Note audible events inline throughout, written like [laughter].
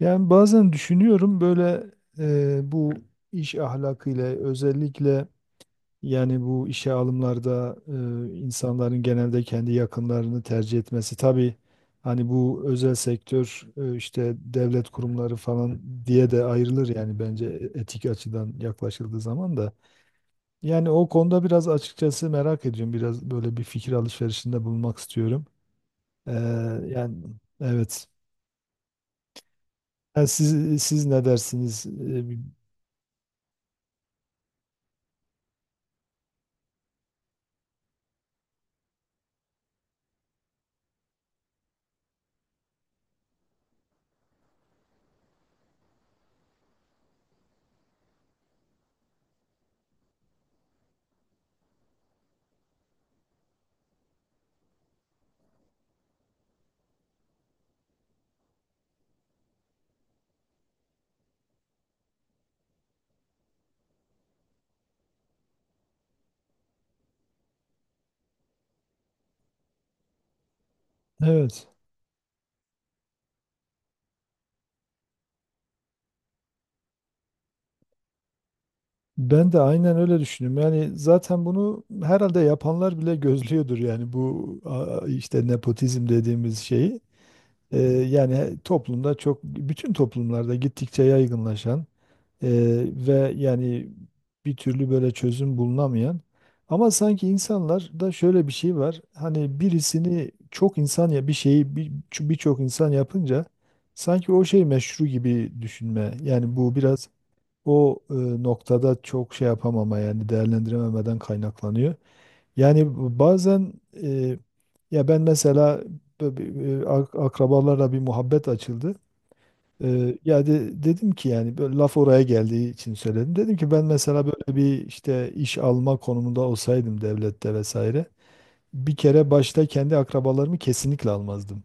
Yani bazen düşünüyorum böyle bu iş ahlakıyla özellikle yani bu işe alımlarda insanların genelde kendi yakınlarını tercih etmesi. Tabii hani bu özel sektör işte devlet kurumları falan diye de ayrılır yani bence etik açıdan yaklaşıldığı zaman da. Yani o konuda biraz açıkçası merak ediyorum. Biraz böyle bir fikir alışverişinde bulunmak istiyorum. E, Yani evet. Yani siz ne dersiniz? Evet. Ben de aynen öyle düşünüyorum. Yani zaten bunu herhalde yapanlar bile [laughs] gözlüyordur yani bu işte nepotizm dediğimiz şeyi. Yani toplumda çok bütün toplumlarda gittikçe yaygınlaşan e, ve yani bir türlü böyle çözüm bulunamayan ama sanki insanlarda şöyle bir şey var. Hani birisini çok insan ya bir şeyi birçok insan yapınca sanki o şey meşru gibi düşünme. Yani bu biraz o noktada çok şey yapamama yani değerlendirememeden kaynaklanıyor. Yani bazen e, ya ben mesela akrabalarla bir muhabbet açıldı. Ya dedim ki yani böyle laf oraya geldiği için söyledim. Dedim ki ben mesela böyle bir işte iş alma konumunda olsaydım devlette vesaire bir kere başta kendi akrabalarımı kesinlikle almazdım.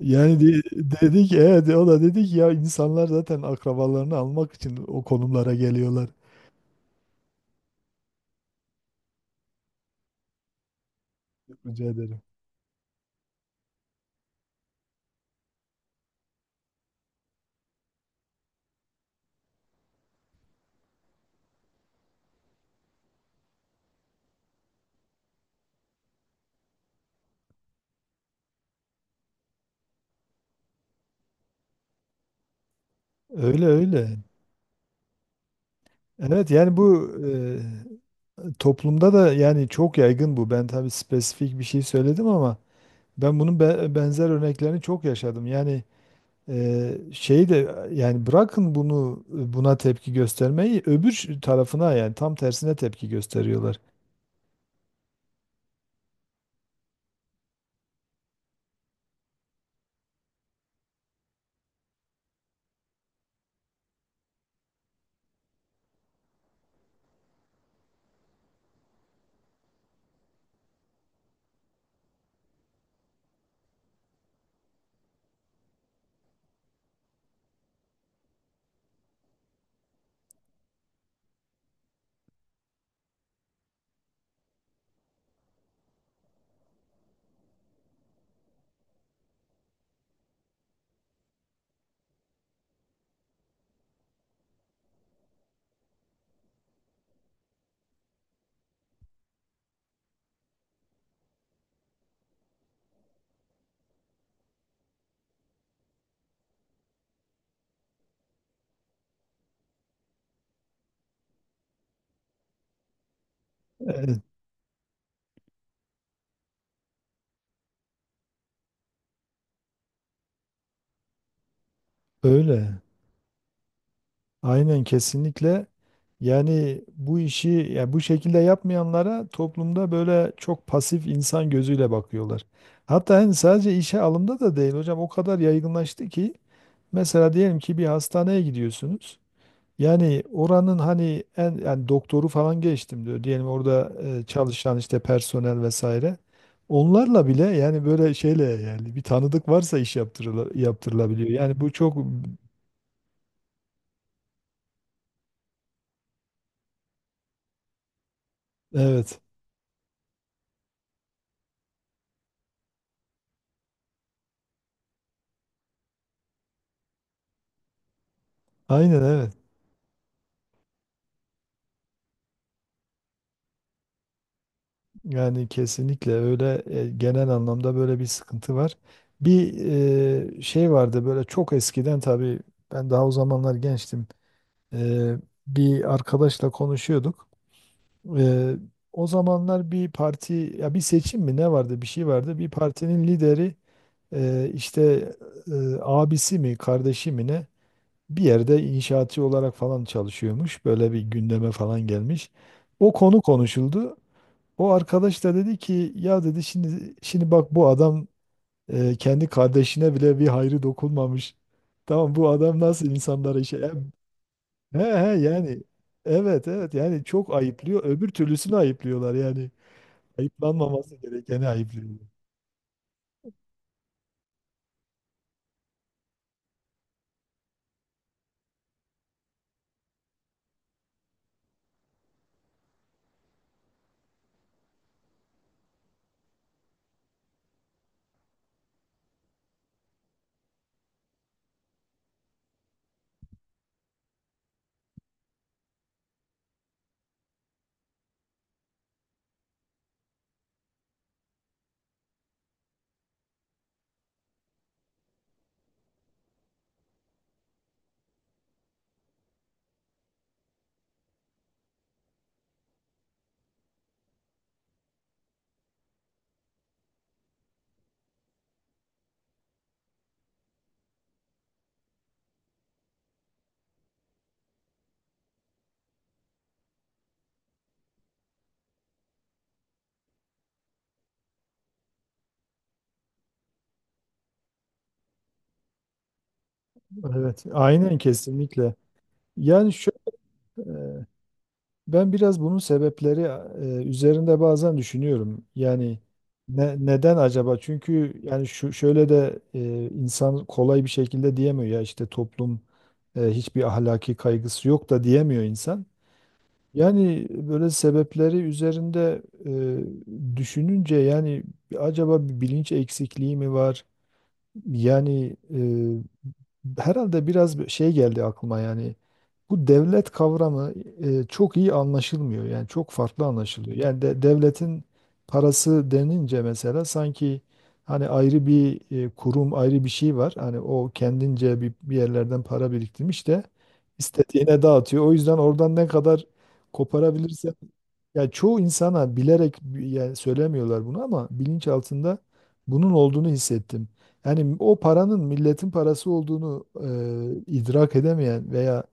Yani dedik, evet o da dedi ki ya insanlar zaten akrabalarını almak için o konumlara geliyorlar. Rica ederim. Öyle öyle. Evet yani bu toplumda da yani çok yaygın bu. Ben tabii spesifik bir şey söyledim ama ben bunun benzer örneklerini çok yaşadım. Yani şey de yani bırakın bunu buna tepki göstermeyi öbür tarafına yani tam tersine tepki gösteriyorlar. Evet, öyle. Aynen kesinlikle. Yani bu işi ya bu şekilde yapmayanlara toplumda böyle çok pasif insan gözüyle bakıyorlar. Hatta hani sadece işe alımda da değil hocam o kadar yaygınlaştı ki mesela diyelim ki bir hastaneye gidiyorsunuz. Yani oranın hani en yani doktoru falan geçtim diyor. Diyelim orada çalışan işte personel vesaire. Onlarla bile yani böyle şeyle yani bir tanıdık varsa iş yaptırılabiliyor. Yani bu çok evet. Aynen evet. Yani kesinlikle öyle genel anlamda böyle bir sıkıntı var. Bir şey vardı böyle çok eskiden tabii ben daha o zamanlar gençtim. E, Bir arkadaşla konuşuyorduk. E, O zamanlar bir parti ya bir seçim mi ne vardı bir şey vardı. Bir partinin lideri işte e, abisi mi kardeşi mi ne bir yerde inşaatçı olarak falan çalışıyormuş. Böyle bir gündeme falan gelmiş. O konu konuşuldu. O arkadaş da dedi ki ya dedi şimdi bak bu adam kendi kardeşine bile bir hayrı dokunmamış. Tamam bu adam nasıl insanlara şey, he he, yani evet evet yani çok ayıplıyor. Öbür türlüsünü ayıplıyorlar yani. Ayıplanmaması gerekeni ayıplıyor. Evet aynen kesinlikle. Yani şu Ben biraz bunun sebepleri üzerinde bazen düşünüyorum. Yani neden acaba? Çünkü yani şu şöyle de insan kolay bir şekilde diyemiyor ya işte toplum hiçbir ahlaki kaygısı yok da diyemiyor insan. Yani böyle sebepleri üzerinde düşününce yani acaba bir bilinç eksikliği mi var? Yani herhalde biraz bir şey geldi aklıma yani bu devlet kavramı çok iyi anlaşılmıyor. Yani çok farklı anlaşılıyor. Yani devletin parası denince mesela sanki hani ayrı bir kurum, ayrı bir şey var. Hani o kendince bir yerlerden para biriktirmiş de istediğine dağıtıyor. O yüzden oradan ne kadar koparabilirsen ya çoğu insana bilerek yani söylemiyorlar bunu ama bilinç altında bunun olduğunu hissettim. Yani o paranın milletin parası olduğunu idrak edemeyen veya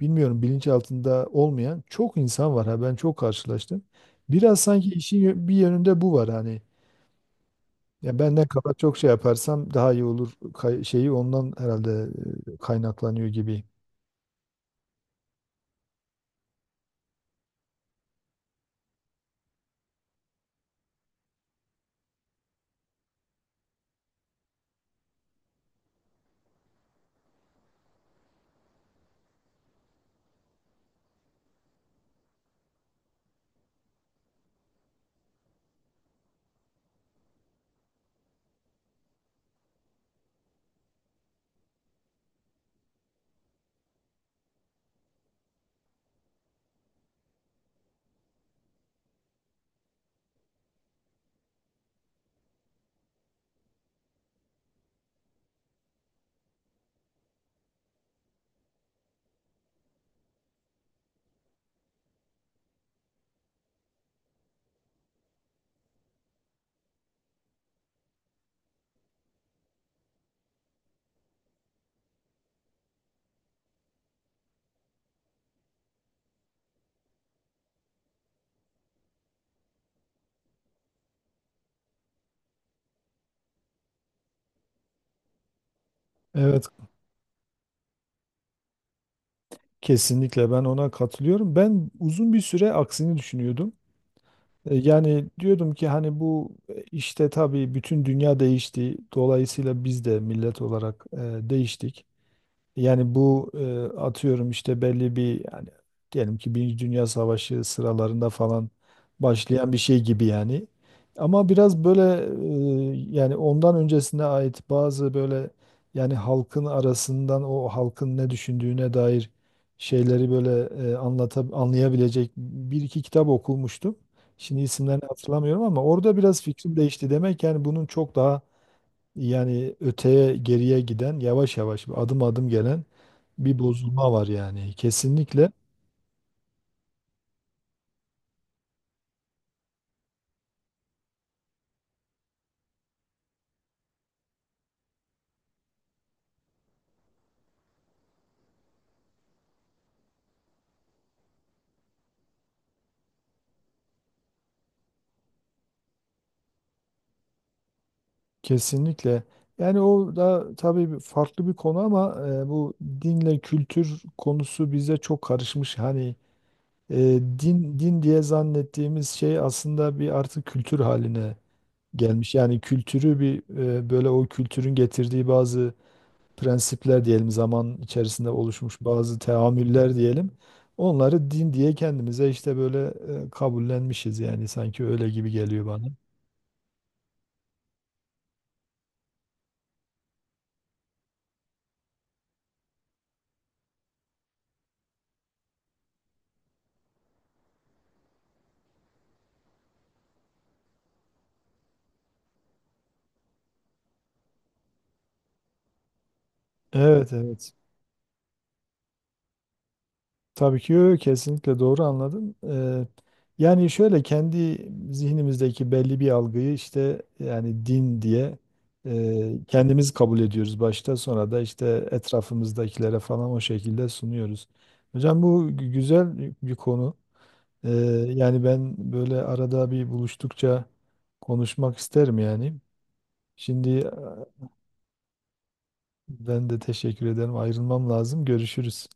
bilmiyorum bilinç altında olmayan çok insan var ha ben çok karşılaştım. Biraz sanki işin bir yönünde bu var hani. Ya benden kaba çok şey yaparsam daha iyi olur şeyi ondan herhalde kaynaklanıyor gibi. Evet kesinlikle ben ona katılıyorum. Ben uzun bir süre aksini düşünüyordum. Yani diyordum ki hani bu işte tabii bütün dünya değişti. Dolayısıyla biz de millet olarak değiştik. Yani bu atıyorum işte belli bir yani diyelim ki Birinci Dünya Savaşı sıralarında falan başlayan bir şey gibi yani. Ama biraz böyle yani ondan öncesine ait bazı böyle yani halkın arasından o halkın ne düşündüğüne dair şeyleri böyle anlayabilecek bir iki kitap okumuştum. Şimdi isimlerini hatırlamıyorum ama orada biraz fikrim değişti. Demek yani bunun çok daha yani öteye geriye giden yavaş yavaş adım adım gelen bir bozulma var yani. Kesinlikle kesinlikle. Yani o da tabii farklı bir konu ama bu dinle kültür konusu bize çok karışmış. Hani e, din din diye zannettiğimiz şey aslında bir artık kültür haline gelmiş. Yani kültürü bir böyle o kültürün getirdiği bazı prensipler diyelim zaman içerisinde oluşmuş bazı teamüller diyelim. Onları din diye kendimize işte böyle kabullenmişiz yani sanki öyle gibi geliyor bana. Evet evet. Tabii ki kesinlikle doğru anladım. Yani şöyle kendi zihnimizdeki belli bir algıyı işte yani din diye kendimiz kabul ediyoruz başta sonra da işte etrafımızdakilere falan o şekilde sunuyoruz. Hocam bu güzel bir konu. Ee, Yani ben böyle arada bir buluştukça konuşmak isterim yani. Şimdi ben de teşekkür ederim. Ayrılmam lazım. Görüşürüz.